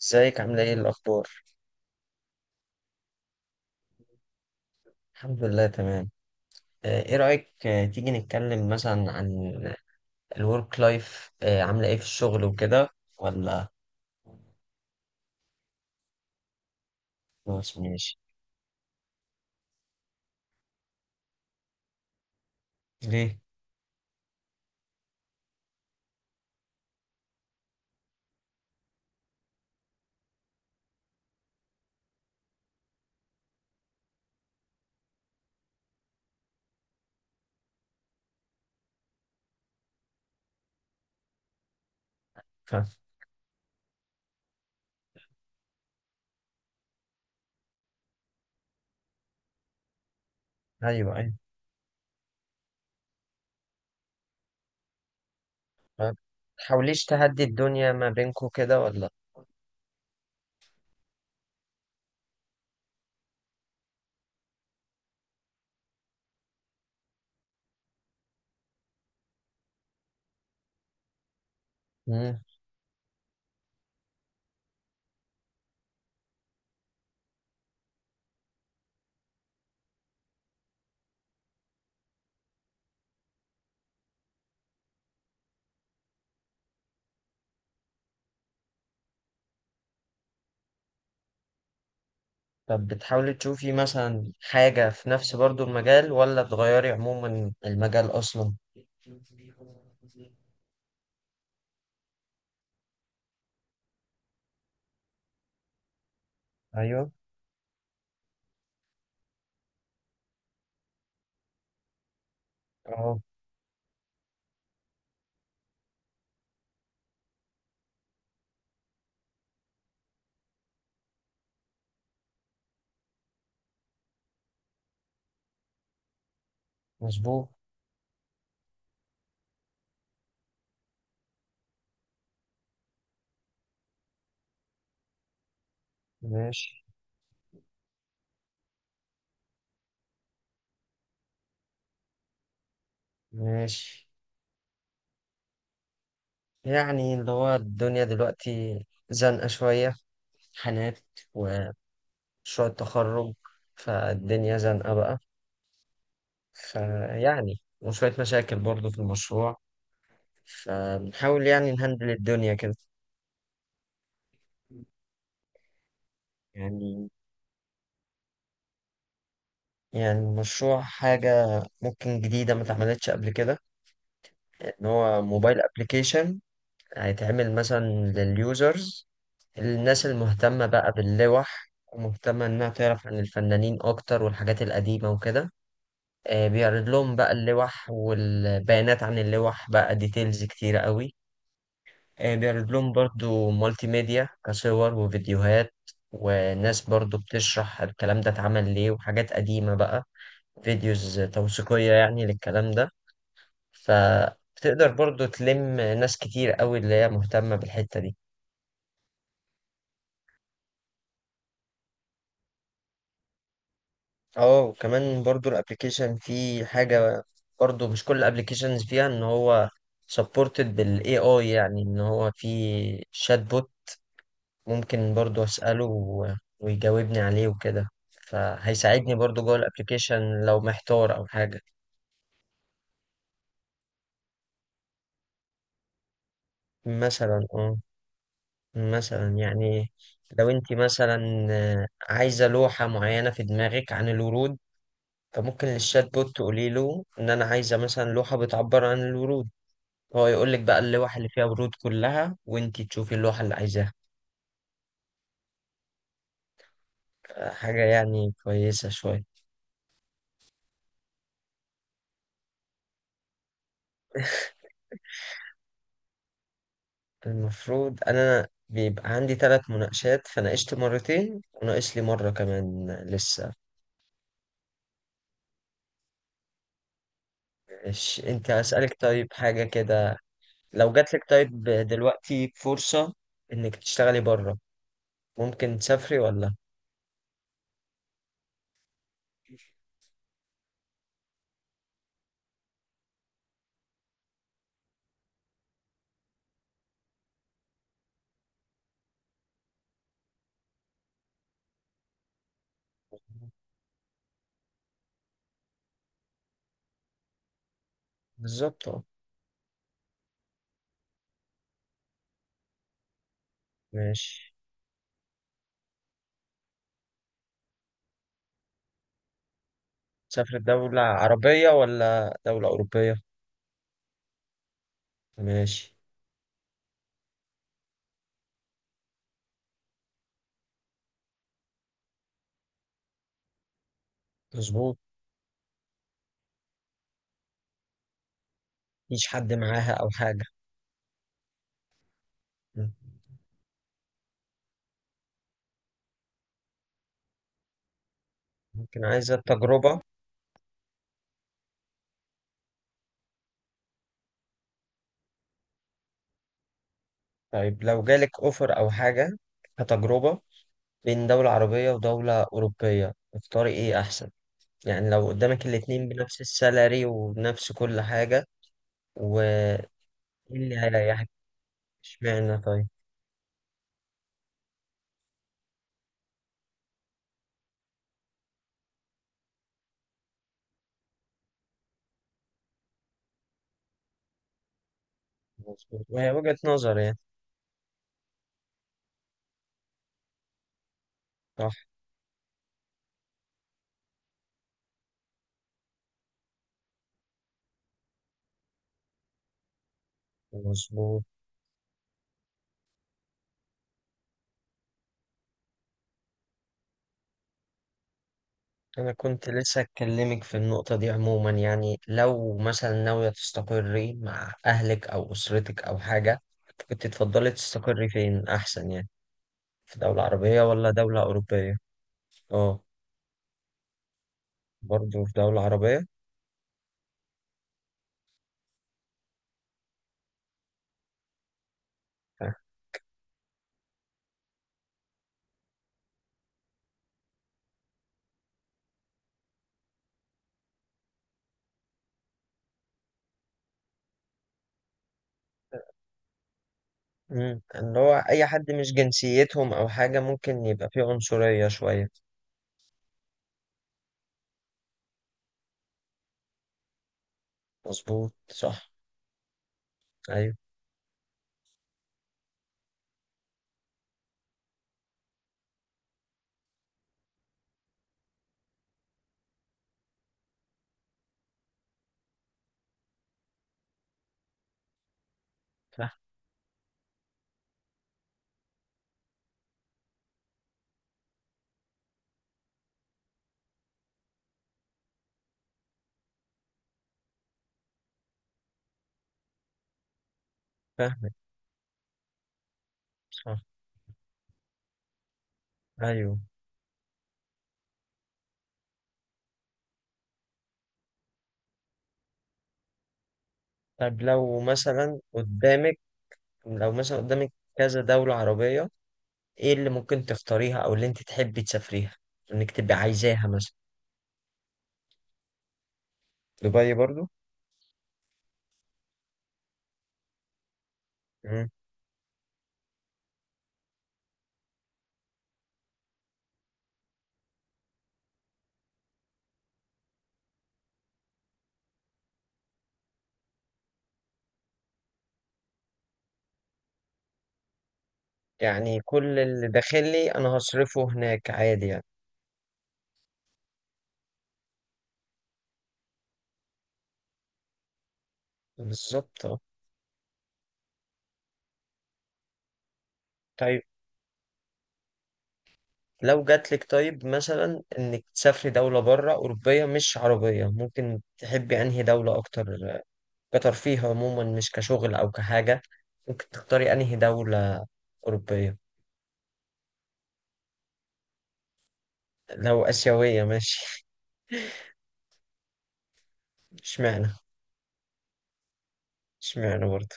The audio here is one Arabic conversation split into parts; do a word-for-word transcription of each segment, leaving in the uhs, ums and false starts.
ازيك عاملة ايه الأخبار؟ الحمد لله تمام. آه، ايه رأيك، آه، تيجي نتكلم مثلا عن الورك لايف؟ عاملة ايه في الشغل وكده ولا؟ خلاص، ماشي. ليه؟ ف... ايوه، ايوه. ف- تحاوليش تهدي الدنيا ما بينكو كده ولا؟ مم. طب بتحاولي تشوفي مثلا حاجة في نفس برضو المجال ولا تغيري عموما المجال أصلا؟ ايوه. اه، مظبوط. ماشي، ماشي. يعني اللي هو الدنيا دلوقتي زنقة شوية حالات ومشروع التخرج، فالدنيا زنقة بقى، فيعني وشوية مشاكل برضو في المشروع، فبنحاول يعني نهندل الدنيا كده. يعني يعني المشروع حاجة ممكن جديدة ما اتعملتش قبل كده، إن هو موبايل أبليكيشن هيتعمل مثلا لليوزرز، الناس المهتمة بقى باللوح ومهتمة إنها تعرف عن الفنانين أكتر والحاجات القديمة وكده. آه، بيعرض لهم بقى اللوح والبيانات عن اللوح بقى ديتيلز كتيرة قوي. آه، بيعرض لهم برضو مالتي ميديا كصور وفيديوهات، وناس برضو بتشرح الكلام ده اتعمل ليه وحاجات قديمة بقى، فيديوز توثيقية يعني للكلام ده، فبتقدر برضو تلم ناس كتير قوي اللي هي مهتمة بالحتة دي. اه، وكمان برضو الابليكيشن فيه حاجة، برضو مش كل الابليكيشنز فيها ان هو سبورتد بالاي اي، يعني ان هو في شات بوت ممكن برضو أسأله و- ويجاوبني عليه وكده، فهيساعدني برضو جوه الابليكيشن لو محتار أو حاجة. مثلا، اه، مثلا يعني لو انت مثلا آه، عايزة لوحة معينة في دماغك عن الورود، فممكن للشات بوت تقولي له ان انا عايزة مثلا لوحة بتعبر عن الورود، هو يقول لك بقى اللوحة اللي فيها ورود كلها وانت تشوفي اللوحة اللي عايزاها. آه، حاجة يعني كويسة شوية. المفروض انا بيبقى عندي ثلاث مناقشات، فناقشت مرتين وناقش لي مرة كمان لسه. إيش، انت هسألك طيب حاجة كده. لو جاتلك طيب دلوقتي فرصة انك تشتغلي بره، ممكن تسافري ولا؟ بالظبط، اه. ماشي. تسافري دولة عربية ولا دولة أوروبية؟ ماشي. مظبوط. مفيش حد معاها أو حاجة؟ مم. ممكن عايزة تجربة. طيب لو جالك أوفر أو حاجة كتجربة، بين دولة عربية ودولة أوروبية اختاري إيه أحسن؟ يعني لو قدامك الاتنين بنفس السالري وبنفس كل حاجة، وإيه اللي هيريحك؟ إشمعنى طيب؟ مظبوط، وهي وجهة نظر يعني. صح. مظبوط. أنا كنت لسه أتكلمك في النقطة دي عموما، يعني لو مثلا ناوية تستقري مع أهلك أو أسرتك أو حاجة، كنت تفضلي تستقري فين أحسن يعني؟ في دولة عربية ولا دولة أوروبية؟ أه. برضه في دولة عربية؟ مم. اللي هو أي حد مش جنسيتهم أو حاجة ممكن يبقى فيه عنصرية شوية. مظبوط، صح. أيوه. فاهم. فاهمك. صح. أيوه. طب لو مثلا قدامك، لو مثلا قدامك كذا دولة عربية، إيه اللي ممكن تختاريها أو اللي أنت تحبي تسافريها إنك تبقي عايزاها مثلا؟ دبي برضو؟ مم. يعني كل اللي داخلي أنا هصرفه هناك عادي يعني. بالظبط، أه. طيب لو جاتلك طيب مثلا انك تسافري دولة بره أوروبية مش عربية، ممكن تحبي أنهي دولة أكتر كترفيه عموما مش كشغل أو كحاجة؟ ممكن تختاري أنهي دولة أوروبية؟ لو آسيوية ماشي. اشمعنى؟ اشمعنى برضه؟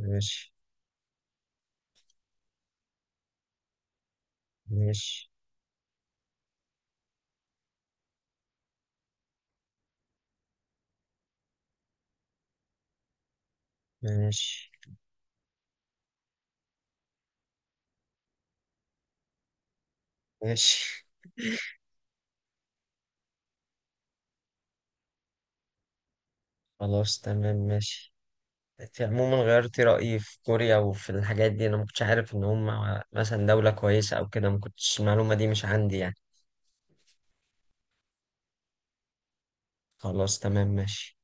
ماشي. ماشي. ماشي. ماشي. خلاص، تمام، ماشي. انت عموما غيرتي رأيي في كوريا وفي الحاجات دي، أنا ما كنتش عارف إن هم مثلا دولة كويسة أو كده، ما كنتش المعلومة دي مش عندي يعني. خلاص، تمام، ماشي.